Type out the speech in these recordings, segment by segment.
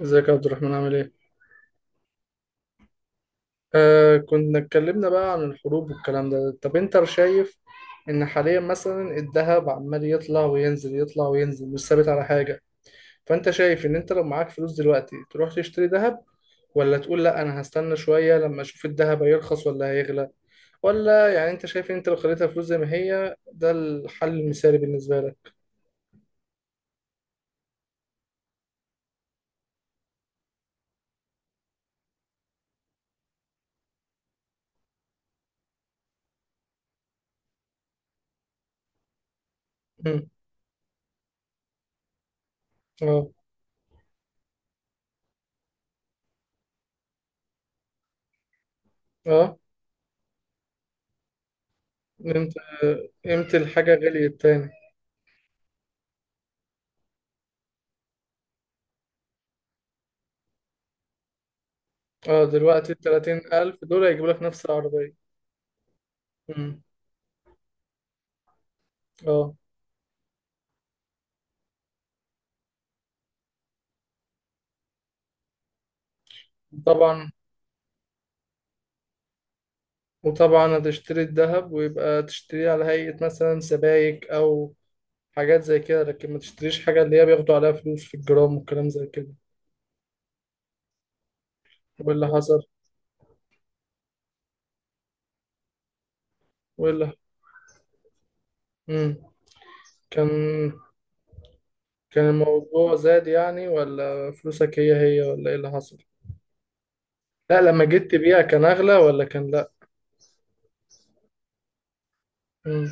ازيك يا عبد الرحمن؟ عامل ايه؟ آه، كنا اتكلمنا بقى عن الحروب والكلام ده. طب انت شايف ان حاليا مثلا الذهب عمال يطلع وينزل يطلع وينزل، مش ثابت على حاجة. فانت شايف ان انت لو معاك فلوس دلوقتي تروح تشتري ذهب، ولا تقول لا انا هستنى شوية لما اشوف الذهب هيرخص ولا هيغلى، ولا يعني انت شايف ان انت لو خليتها فلوس زي ما هي ده الحل المثالي بالنسبة لك؟ مم. اه. اه، امتى امتى الحاجة غليت تاني؟ اه، دلوقتي 30000 دول هيجيبوا لك نفس العربية. مم. اه. طبعا. وطبعا هتشتري الذهب، ويبقى تشتريه على هيئة مثلا سبائك أو حاجات زي كده، لكن ما تشتريش حاجة اللي هي بياخدوا عليها فلوس في الجرام والكلام زي كده. واللي حصل؟ واللي مم. كان كان الموضوع زاد يعني، ولا فلوسك هي هي، ولا ايه اللي حصل؟ لا، لما جيت تبيع كان أغلى ولا كان لا؟ مم.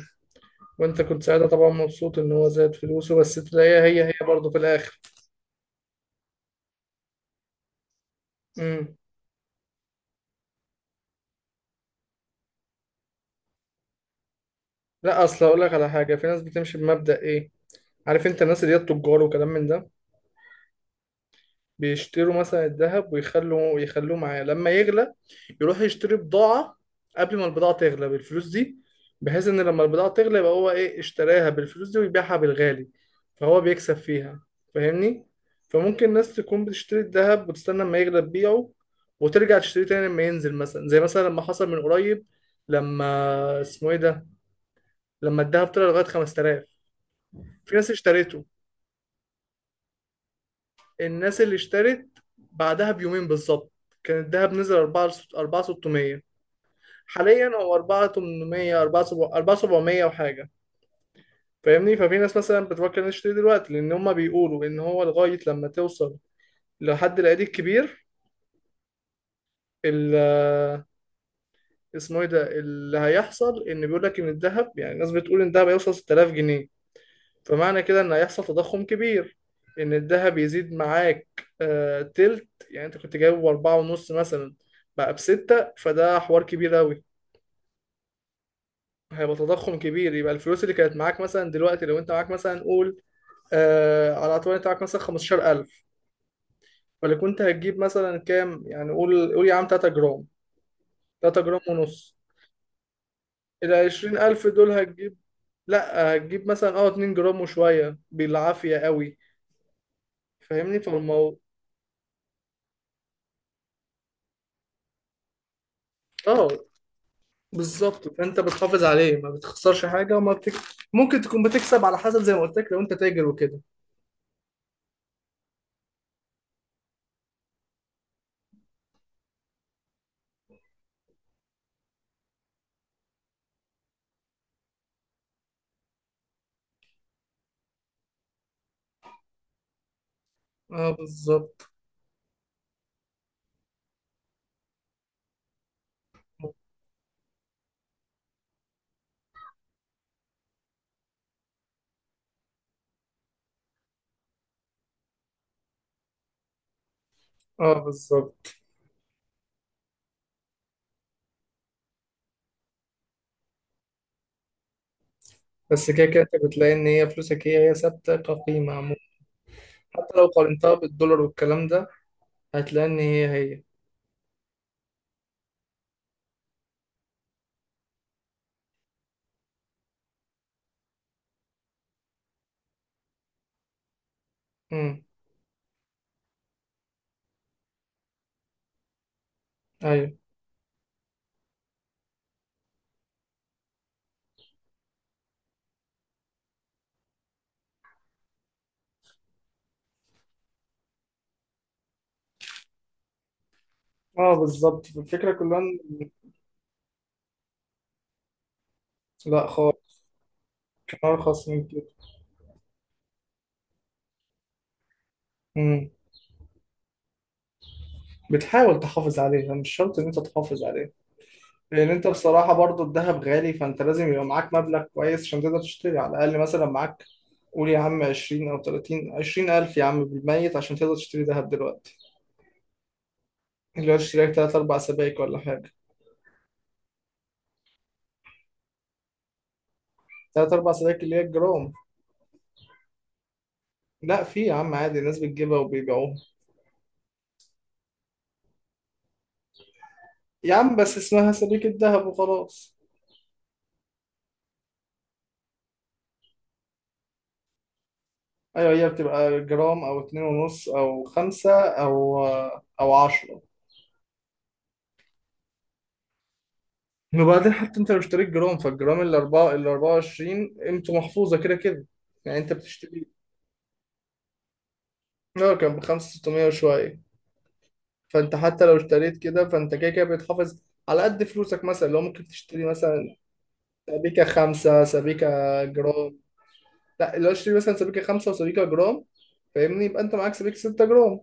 وانت كنت ساعتها طبعا مبسوط ان هو زاد فلوسه، بس تلاقيها هي هي برضه في الآخر. مم. لا، اصل اقول لك على حاجة. في ناس بتمشي بمبدأ ايه، عارف انت، الناس اللي هي التجار وكلام من ده، بيشتروا مثلا الذهب، ويخلوا يخلوه معاه لما يغلى يروح يشتري بضاعة قبل ما البضاعة تغلى بالفلوس دي، بحيث ان لما البضاعة تغلى يبقى هو ايه اشتراها بالفلوس دي ويبيعها بالغالي، فهو بيكسب فيها. فاهمني. فممكن ناس تكون بتشتري الذهب وتستنى لما يغلى تبيعه، وترجع تشتري تاني لما ينزل، مثلا زي مثلا لما حصل من قريب. لما اسمه ايه ده، لما الذهب طلع لغاية 5000. في ناس اشتريته. الناس اللي اشترت بعدها بيومين بالظبط كان الذهب نزل 4 4600. حاليا هو 4800 4700 وحاجه. فاهمني. ففي ناس مثلا بتفكر انها تشتري دلوقتي، لان هم بيقولوا ان هو لغايه لما توصل لحد العيد الكبير ال- اسمه ايه ده اللي هيحصل، ان بيقول لك ان الذهب، يعني الناس بتقول ان الذهب هيوصل 6000 جنيه. فمعنى كده ان هيحصل تضخم كبير، ان الذهب يزيد معاك تلت. يعني انت كنت جايبه باربعة ونص مثلا، بقى بستة، فده حوار كبير اوي. هيبقى تضخم كبير. يبقى الفلوس اللي كانت معاك، مثلا دلوقتي لو انت معاك مثلا، قول، على اعتبار انت معاك مثلا 15000، فاللي كنت هتجيب مثلا كام؟ يعني قول قول يا عم 3 جرام، 3 جرام ونص. ال 20000 دول هتجيب، لا هتجيب مثلا 2 جرام وشوية بالعافية قوي. فاهمني. فالموضوع، اه بالظبط. فانت بتحافظ عليه، ما بتخسرش حاجه ممكن تكون بتكسب على حسب، زي ما قلت لك، لو انت تاجر وكده. اه بالظبط. اه بالظبط. بس كده كده انت بتلاقي ان هي فلوسك هي هي، ثابته كقيمه عموما. حتى لو قارنتها بالدولار والكلام ده هتلاقي ان هي هي. امم. ايوه. اه بالظبط. الفكره كلها ان... لا خالص. كان ارخص من كده. امم. بتحاول تحافظ عليها، مش شرط ان انت تحافظ عليها، لان انت بصراحه برضو الذهب غالي، فانت لازم يبقى معاك مبلغ كويس عشان تقدر تشتري على الاقل، مثلا معاك، قول يا عم 20 او 30، 20 الف يا عم بالميت، عشان تقدر تشتري ذهب دلوقتي اللي هو تشتري لك 3 4 سبائك ولا حاجه. 3 4 سبائك اللي هي الجرام. لا، في يا عم عادي، الناس بتجيبها وبيبيعوها. يا عم بس اسمها سبيكه ذهب وخلاص. ايوه، هي بتبقى جرام او 2.5 او 5 او 10. وبعدين حتى انت لو اشتريت جرام فالجرام ال 4 ال 24 قيمته محفوظه كده كده. يعني انت بتشتري، اه كان ب 5600 وشويه. فانت حتى لو اشتريت كده فانت كده كده بيتحافظ على قد فلوسك. مثلا لو ممكن تشتري مثلا سبيكه 5 سبيكه جرام. لا، لو اشتري مثلا سبيكه 5 وسبيكه جرام، فاهمني، يبقى انت معاك سبيكه 6 جرام.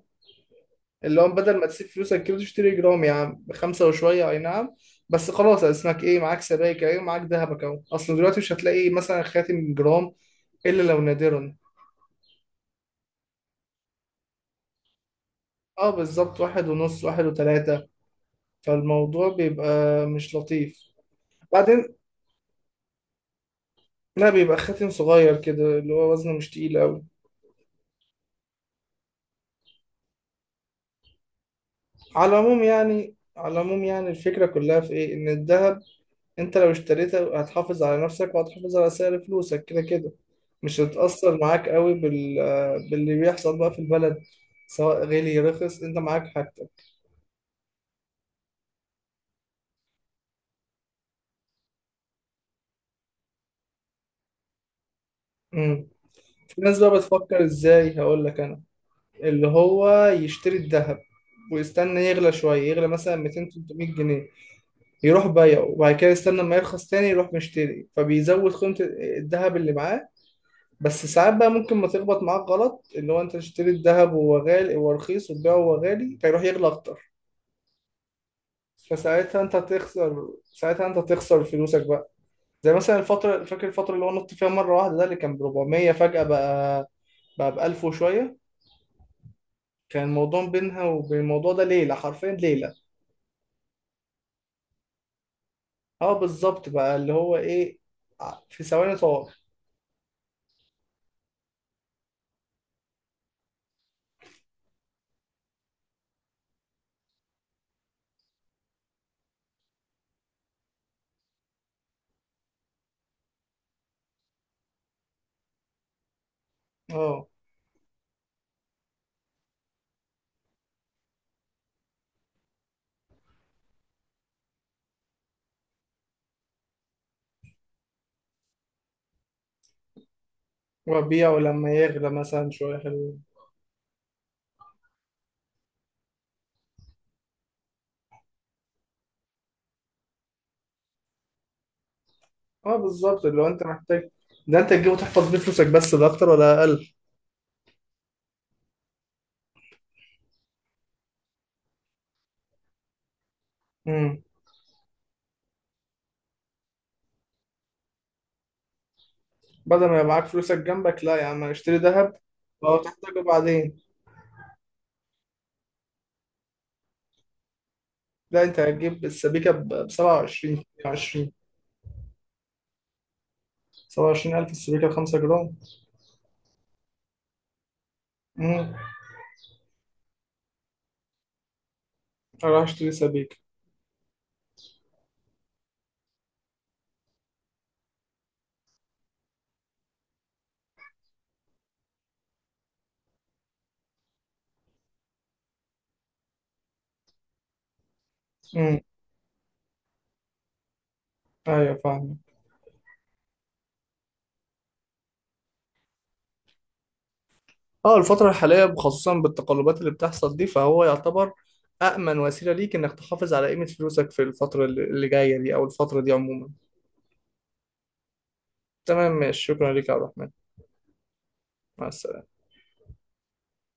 اللي هو بدل ما تسيب فلوسك كده تشتري جرام يا عم بخمسه وشويه، اي نعم. بس خلاص، اسمك ايه، معاك سبائك، ايه، معاك ذهبك اهو. اصل دلوقتي مش هتلاقي مثلا خاتم جرام، إلا لو نادرا. اه بالظبط، 1.5، 1.3. فالموضوع بيبقى مش لطيف. بعدين لا، بيبقى خاتم صغير كده اللي هو وزنه مش تقيل أوي. على العموم يعني الفكرة كلها في إيه؟ إن الذهب أنت لو اشتريته هتحافظ على نفسك وهتحافظ على سعر فلوسك كده كده. مش هتأثر معاك قوي باللي بيحصل بقى في البلد. سواء غالي رخص أنت معاك حاجتك. مم. في ناس بقى بتفكر إزاي، هقول لك أنا، اللي هو يشتري الذهب ويستنى يغلى شوية، يغلى مثلا 200 300 جنيه يروح بايعه، وبعد كده يستنى ما يرخص تاني يروح مشتري، فبيزود قيمة الذهب اللي معاه. بس ساعات بقى ممكن ما تخبط معاك غلط، اللي هو انت تشتري الذهب وهو غالي، وهو رخيص وتبيعه وهو غالي فيروح يغلى اكتر. فساعتها انت هتخسر ساعتها انت هتخسر فلوسك بقى. زي مثلا الفترة، فاكر الفترة اللي هو نط فيها مرة واحدة، ده اللي كان ب 400 فجأة بقى ب 1000 وشوية. كان الموضوع بينها وبين الموضوع ده ليلة، حرفيا ليلة. اه بالظبط. بقى اللي هو ايه، في ثواني طار. اه، وبيعه لما يغلى مثلا شويه حلوين. اه بالظبط. اللي هو انت محتاج ده انت تجيبه تحفظ بيه فلوسك بس، ده اكتر ولا اقل. امم. بدل ما يبقى معاك فلوسك جنبك لا يا عم اشتري ذهب لو تحتاجه بعدين. لا، انت هتجيب السبيكه ب 27 20. 27000 السبيكه ب 5 جرام. امم. اروح اشتري سبيكه. امم. ايوه فاهم. اه، الفترة الحالية خصوصا بالتقلبات اللي بتحصل دي فهو يعتبر أأمن وسيلة ليك إنك تحافظ على قيمة فلوسك في الفترة اللي جاية دي، أو الفترة دي عموما. تمام، ماشي، شكرا ليك يا عبد الرحمن. مع السلامة.